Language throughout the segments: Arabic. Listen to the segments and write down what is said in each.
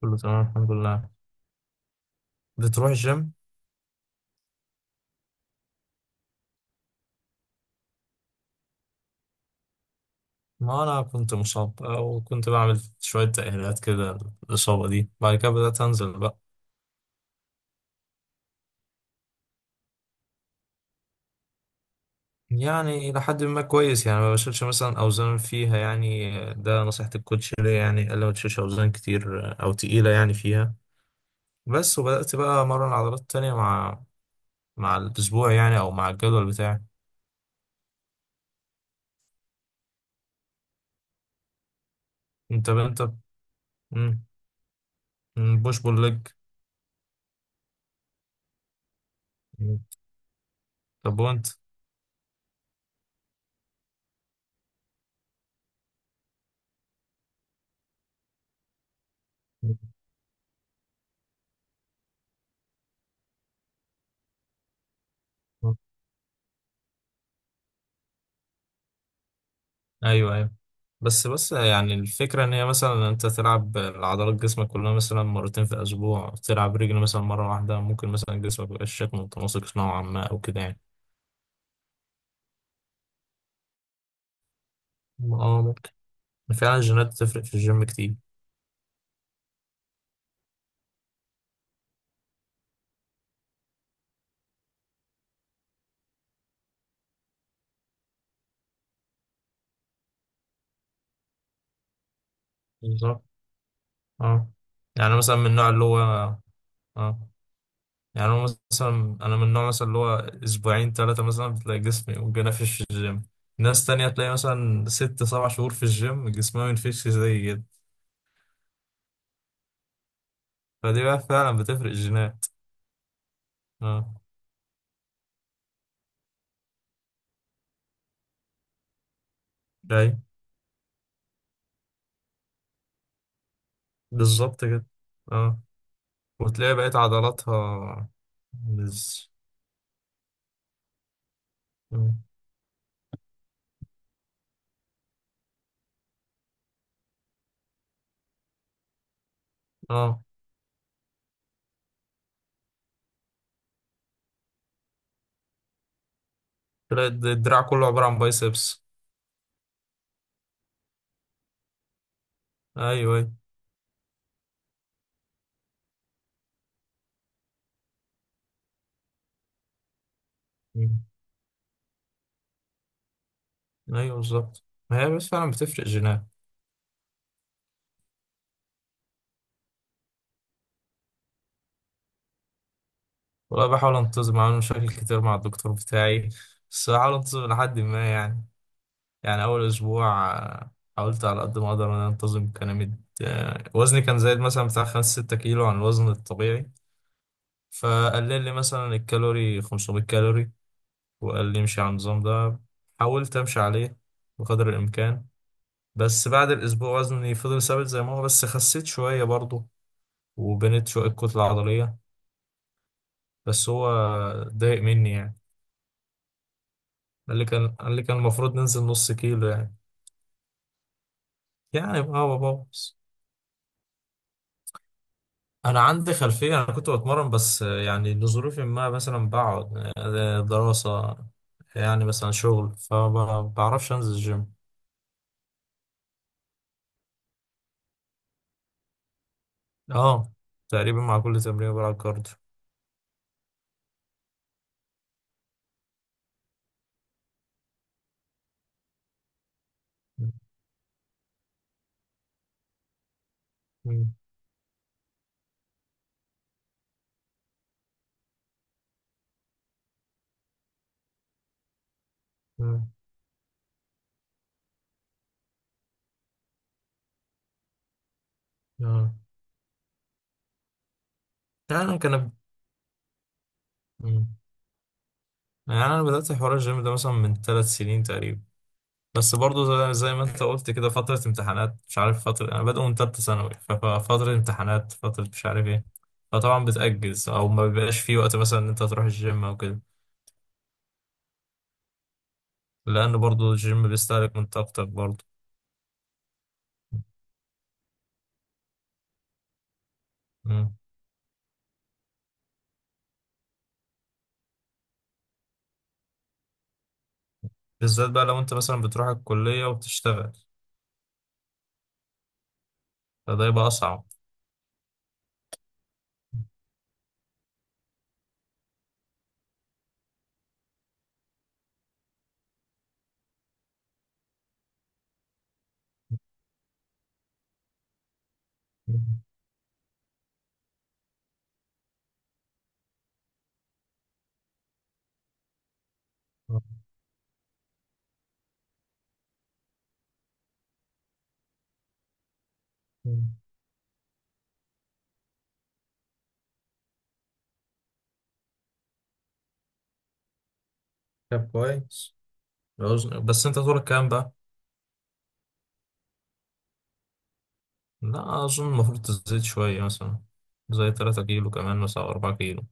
كله تمام الحمد لله. بتروح الجيم؟ ما أنا كنت مصاب وكنت بعمل شوية تأهيلات كده للإصابة دي، بعد كده بدأت أنزل بقى. يعني إلى حد ما كويس، يعني ما بشيلش مثلا أوزان فيها، يعني ده نصيحة الكوتش ليا، يعني قال لي ما تشيلش أوزان كتير أو تقيلة يعني فيها، بس وبدأت بقى أمرن عضلات تانية مع الأسبوع يعني أو مع الجدول بتاعي. أنت بوش بول ليج. طب وأنت؟ ايوه، ايوه. بس يعني الفكره ان هي مثلا انت تلعب العضلات جسمك كلها مثلا مرتين في الاسبوع، تلعب رجل مثلا مره واحده، ممكن مثلا جسمك ميبقاش شكله متناسق نوعا ما او كده يعني. اه ممكن. فعلا الجينات بتفرق في الجيم كتير. بالظبط. اه. يعني مثلا من النوع اللي هو. اه. يعني انا مثلا، انا من النوع مثلا اللي هو اسبوعين ثلاثه مثلا بتلاقي جسمي متجنفش في الجيم، ناس تانية تلاقي مثلا ست سبع شهور في الجيم جسمها منفش زي كده. فدي بقى فعلا بتفرق الجينات. اه. جاي. بالظبط كده. اه. وتلاقي بقيت عضلاتها. بز... مم. اه، تلاقي الدراع كله عبارة عن بايسبس. ايوه ايوه. مم. ايوه بالظبط. ما هي بس فعلا بتفرق جينات. والله بحاول انتظم، عامل مشاكل كتير مع الدكتور بتاعي، بس بحاول انتظم لحد ما يعني. يعني أول أسبوع حاولت على قد ما أقدر إن أنا أنتظم، كان مد... آه، وزني كان زايد مثلا بتاع خمسة ستة كيلو عن الوزن الطبيعي، فقلل لي مثلا الكالوري 500 كالوري، وقال لي امشي على النظام ده. حاولت أمشي عليه بقدر الإمكان، بس بعد الأسبوع وزني فضل ثابت زي ما هو، بس خسيت شوية برضه وبنيت شوية كتلة عضلية. بس هو ضايق مني يعني، قال لي كان، قال لي كان المفروض ننزل نص كيلو يعني. يعني بابا، انا عندي خلفيه، انا كنت بتمرن بس يعني لظروف ما مثلا بقعد، دراسه يعني، مثلا شغل، فما بعرفش انزل الجيم. اه، تقريبا مع كل تمرين بلعب كارديو. مم. مم. آه. يعني انا كان. مم. يعني انا بدات حوار الجيم ده مثلا من ثلاث سنين تقريبا، بس برضه زي ما انت قلت كده، فتره امتحانات، مش عارف فتره، انا بادئ من ثالثه ثانوي، ففتره امتحانات، فتره مش عارف ايه، فطبعا بتاجز او ما بيبقاش في وقت مثلا ان انت تروح الجيم او كده. لأن برضو الجيم بيستهلك من طاقتك برضو. مم. بالذات بقى لو أنت مثلا بتروح الكلية وبتشتغل، فده يبقى أصعب. مم. مم. طب كويس الوزن، بس أنت طولك كام بقى؟ لا أظن المفروض تزيد شوية، مثلا زي تلاتة كيلو كمان مثلا أو أربعة كيلو.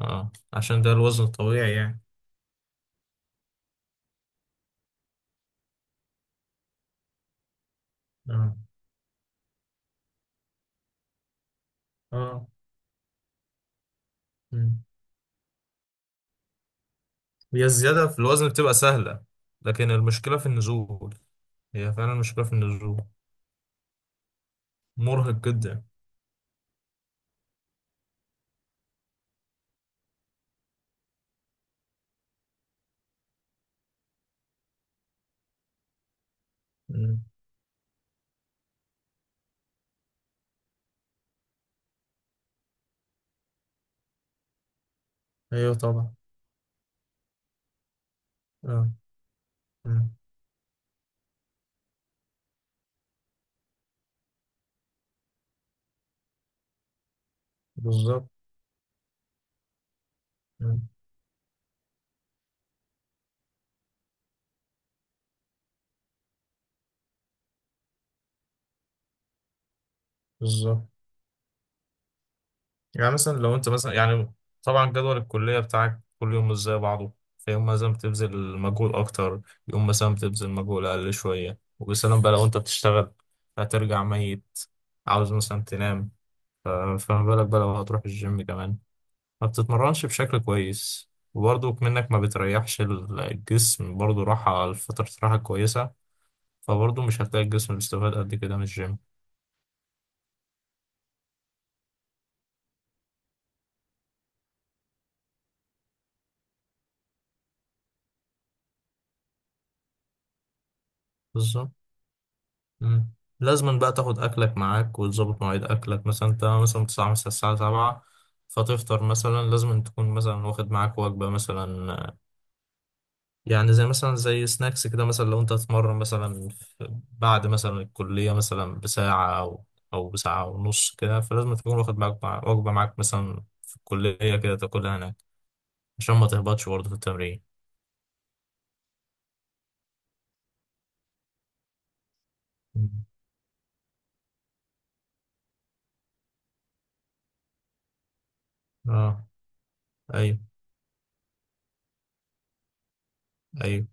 اه عشان ده الوزن الطبيعي يعني. اه. اه. مم. هي الزيادة في الوزن بتبقى سهلة، لكن المشكلة في النزول. هي فعلا المشكلة في النزول، مرهق جدا. مم. ايوه طبعا. اه. بالظبط. مم. بالظبط. يعني مثلا لو انت مثلا يعني، طبعا جدول الكلية بتاعك كل يوم مش زي بعضه، فيوم مثلا بتبذل مجهود أكتر، يوم مثلا بتبذل مجهود أقل شوية، وبسلام بقى لو انت بتشتغل، هترجع ميت، عاوز مثلا تنام. ف- فما بالك بقى لو هتروح الجيم كمان، ما بتتمرنش بشكل كويس، وبرضه منك ما بتريحش الجسم برضه راحة، فترة راحة كويسة، فبرضه مش هتلاقي الجسم بيستفاد قد كده من الجيم. بالظبط. مم. لازم بقى تاخد اكلك معاك وتظبط مواعيد اكلك. مثلا انت مثلا بتصحى مثلا الساعه 7، فتفطر مثلا، لازم تكون مثلا واخد معاك وجبه مثلا، يعني زي مثلا زي سناكس كده، مثلا لو انت هتتمرن مثلا بعد مثلا الكليه مثلا بساعه او او بساعه ونص كده، فلازم تكون واخد معاك وجبه معاك مثلا في الكليه كده تاكلها هناك عشان ما تهبطش برضه في التمرين. مم. اه ايوه ايوه.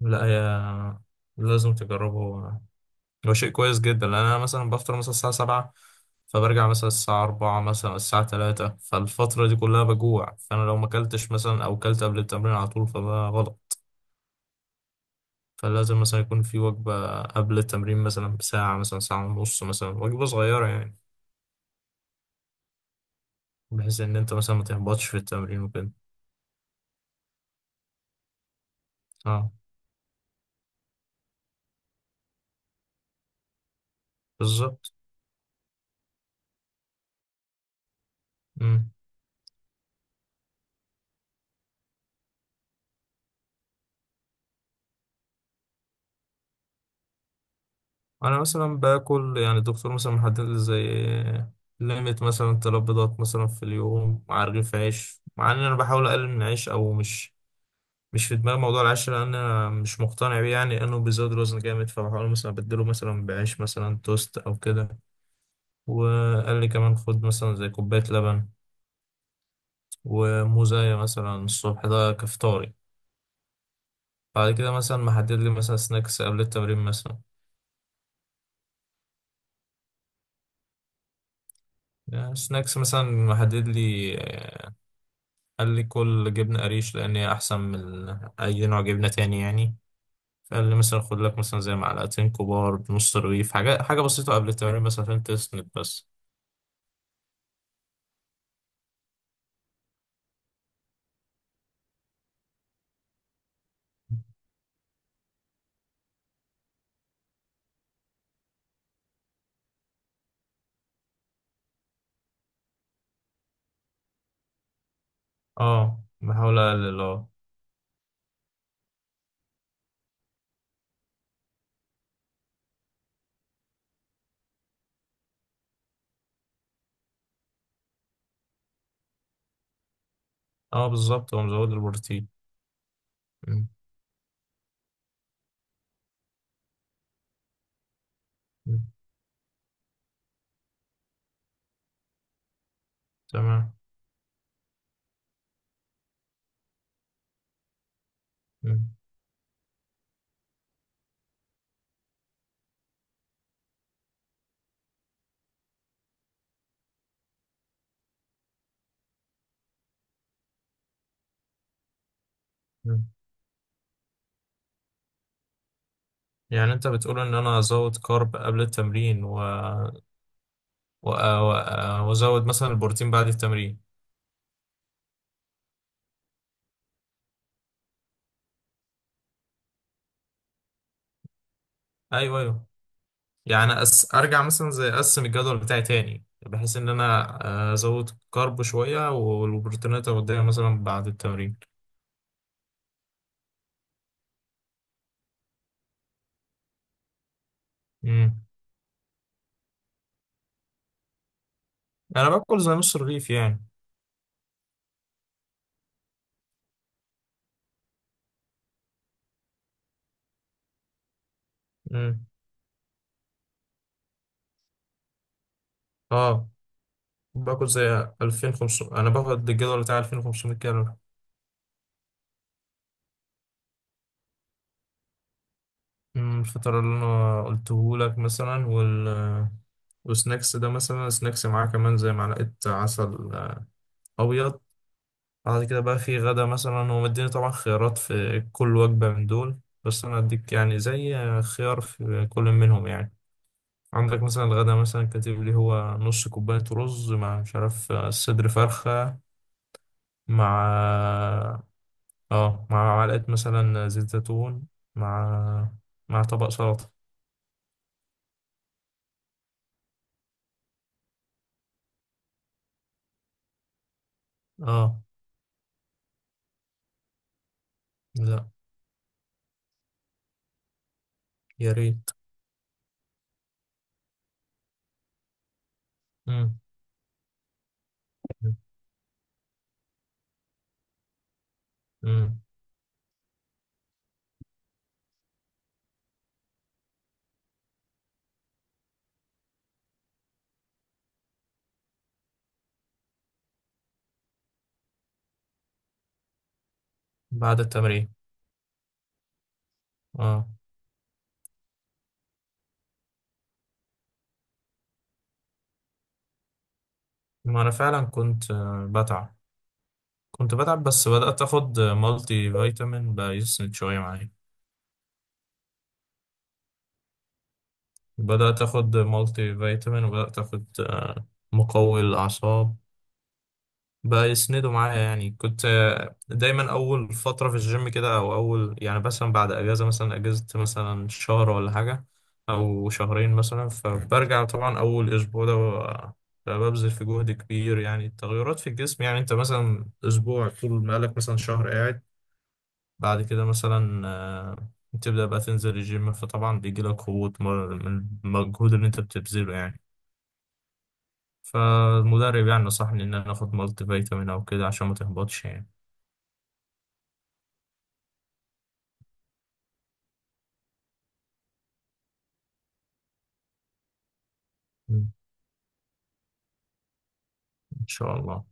لا يا، لازم تجربه، هو شيء كويس جدا. لان انا مثلا بفطر مثلا الساعه 7، فبرجع مثلا الساعه 4 مثلا الساعه 3، فالفتره دي كلها بجوع، فانا لو ما اكلتش مثلا او اكلت قبل التمرين على طول فده غلط. فلازم مثلا يكون في وجبه قبل التمرين مثلا بساعه مثلا ساعه ونص، مثلا وجبه صغيره يعني، بحيث ان انت مثلا ما تهبطش في التمرين وكده. اه بالظبط. مم. انا مثلا باكل يعني، الدكتور مثلا محدد لي زي ليميت مثلا تلات بيضات مثلا في اليوم مع رغيف عيش، مع ان انا بحاول اقلل من العيش، او مش مش في دماغي موضوع العيش، لان انا مش مقتنع بيه يعني، لانه بيزود الوزن جامد، فبحاول مثلا ابدله مثلا بعيش مثلا توست او كده. وقال لي كمان خد مثلا زي كوبايه لبن وموزايه مثلا الصبح، ده كفطاري. بعد كده مثلا محدد لي مثلا سناكس قبل التمرين مثلا. يعني سناكس مثلا محدد لي، قال لي كل جبنه قريش لان هي احسن من اي نوع جبنه تاني يعني. فقال لي مثلا خد لك مثلا زي معلقتين كبار بنص رغيف، حاجه حاجه بسيطه قبل التمرين مثلا عشان تسند بس. اه بحاول اقلل اه. اه بالظبط، هو مزود البروتين. مم. مم. تمام. مم. مم. يعني انت بتقول ان انا ازود كارب قبل التمرين و... و... و... وازود مثلا البروتين بعد التمرين. ايوه ايوه. يعني ارجع مثلا زي اقسم الجدول بتاعي تاني بحيث ان انا ازود كارب شويه، والبروتينات اوديها مثلا بعد التمرين. مم. انا باكل زي نص رغيف يعني. مم. اه، باكل زي 2500، انا باخد الجدول بتاع 2500 كالوري. الفطار اللي انا قلته لك مثلا، وسناكس ده مثلا، سناكس معاه كمان زي معلقة عسل أبيض. بعد كده بقى في غدا مثلا، هو مديني طبعا خيارات في كل وجبة من دول، بس أنا أديك يعني زي خيار في كل منهم يعني. عندك مثلا الغدا مثلا كاتب لي هو نص كوباية رز مع مش عارف صدر فرخة، مع مع معلقة مثلا زيت زيتون، مع مع طبق سلطة. اه. لا يا ريت. مم. مم. بعد التمرين. اه. ما انا فعلا كنت بتعب، كنت بتعب، بس بدأت اخد مالتي فيتامين بقى يسند شوية معايا. بدأت اخد مالتي فيتامين، وبدأت اخد مقوي للأعصاب بقى يسندوا معايا. يعني كنت دايما اول فتره في الجيم كده، او اول يعني مثلا بعد اجازه، مثلا اجازه مثلا شهر ولا حاجه او شهرين مثلا، فبرجع طبعا اول اسبوع ده ببذل في جهد كبير. يعني التغيرات في الجسم يعني، انت مثلا اسبوع طول ما لك مثلا شهر قاعد، بعد كده مثلا تبدا بقى تنزل الجيم، فطبعا بيجي لك هبوط من المجهود اللي انت بتبذله يعني. فالمدرب يعني نصحني إن أنا آخد مالتي فيتامين أو كده عشان ما تهبطش يعني. مم. إن شاء الله.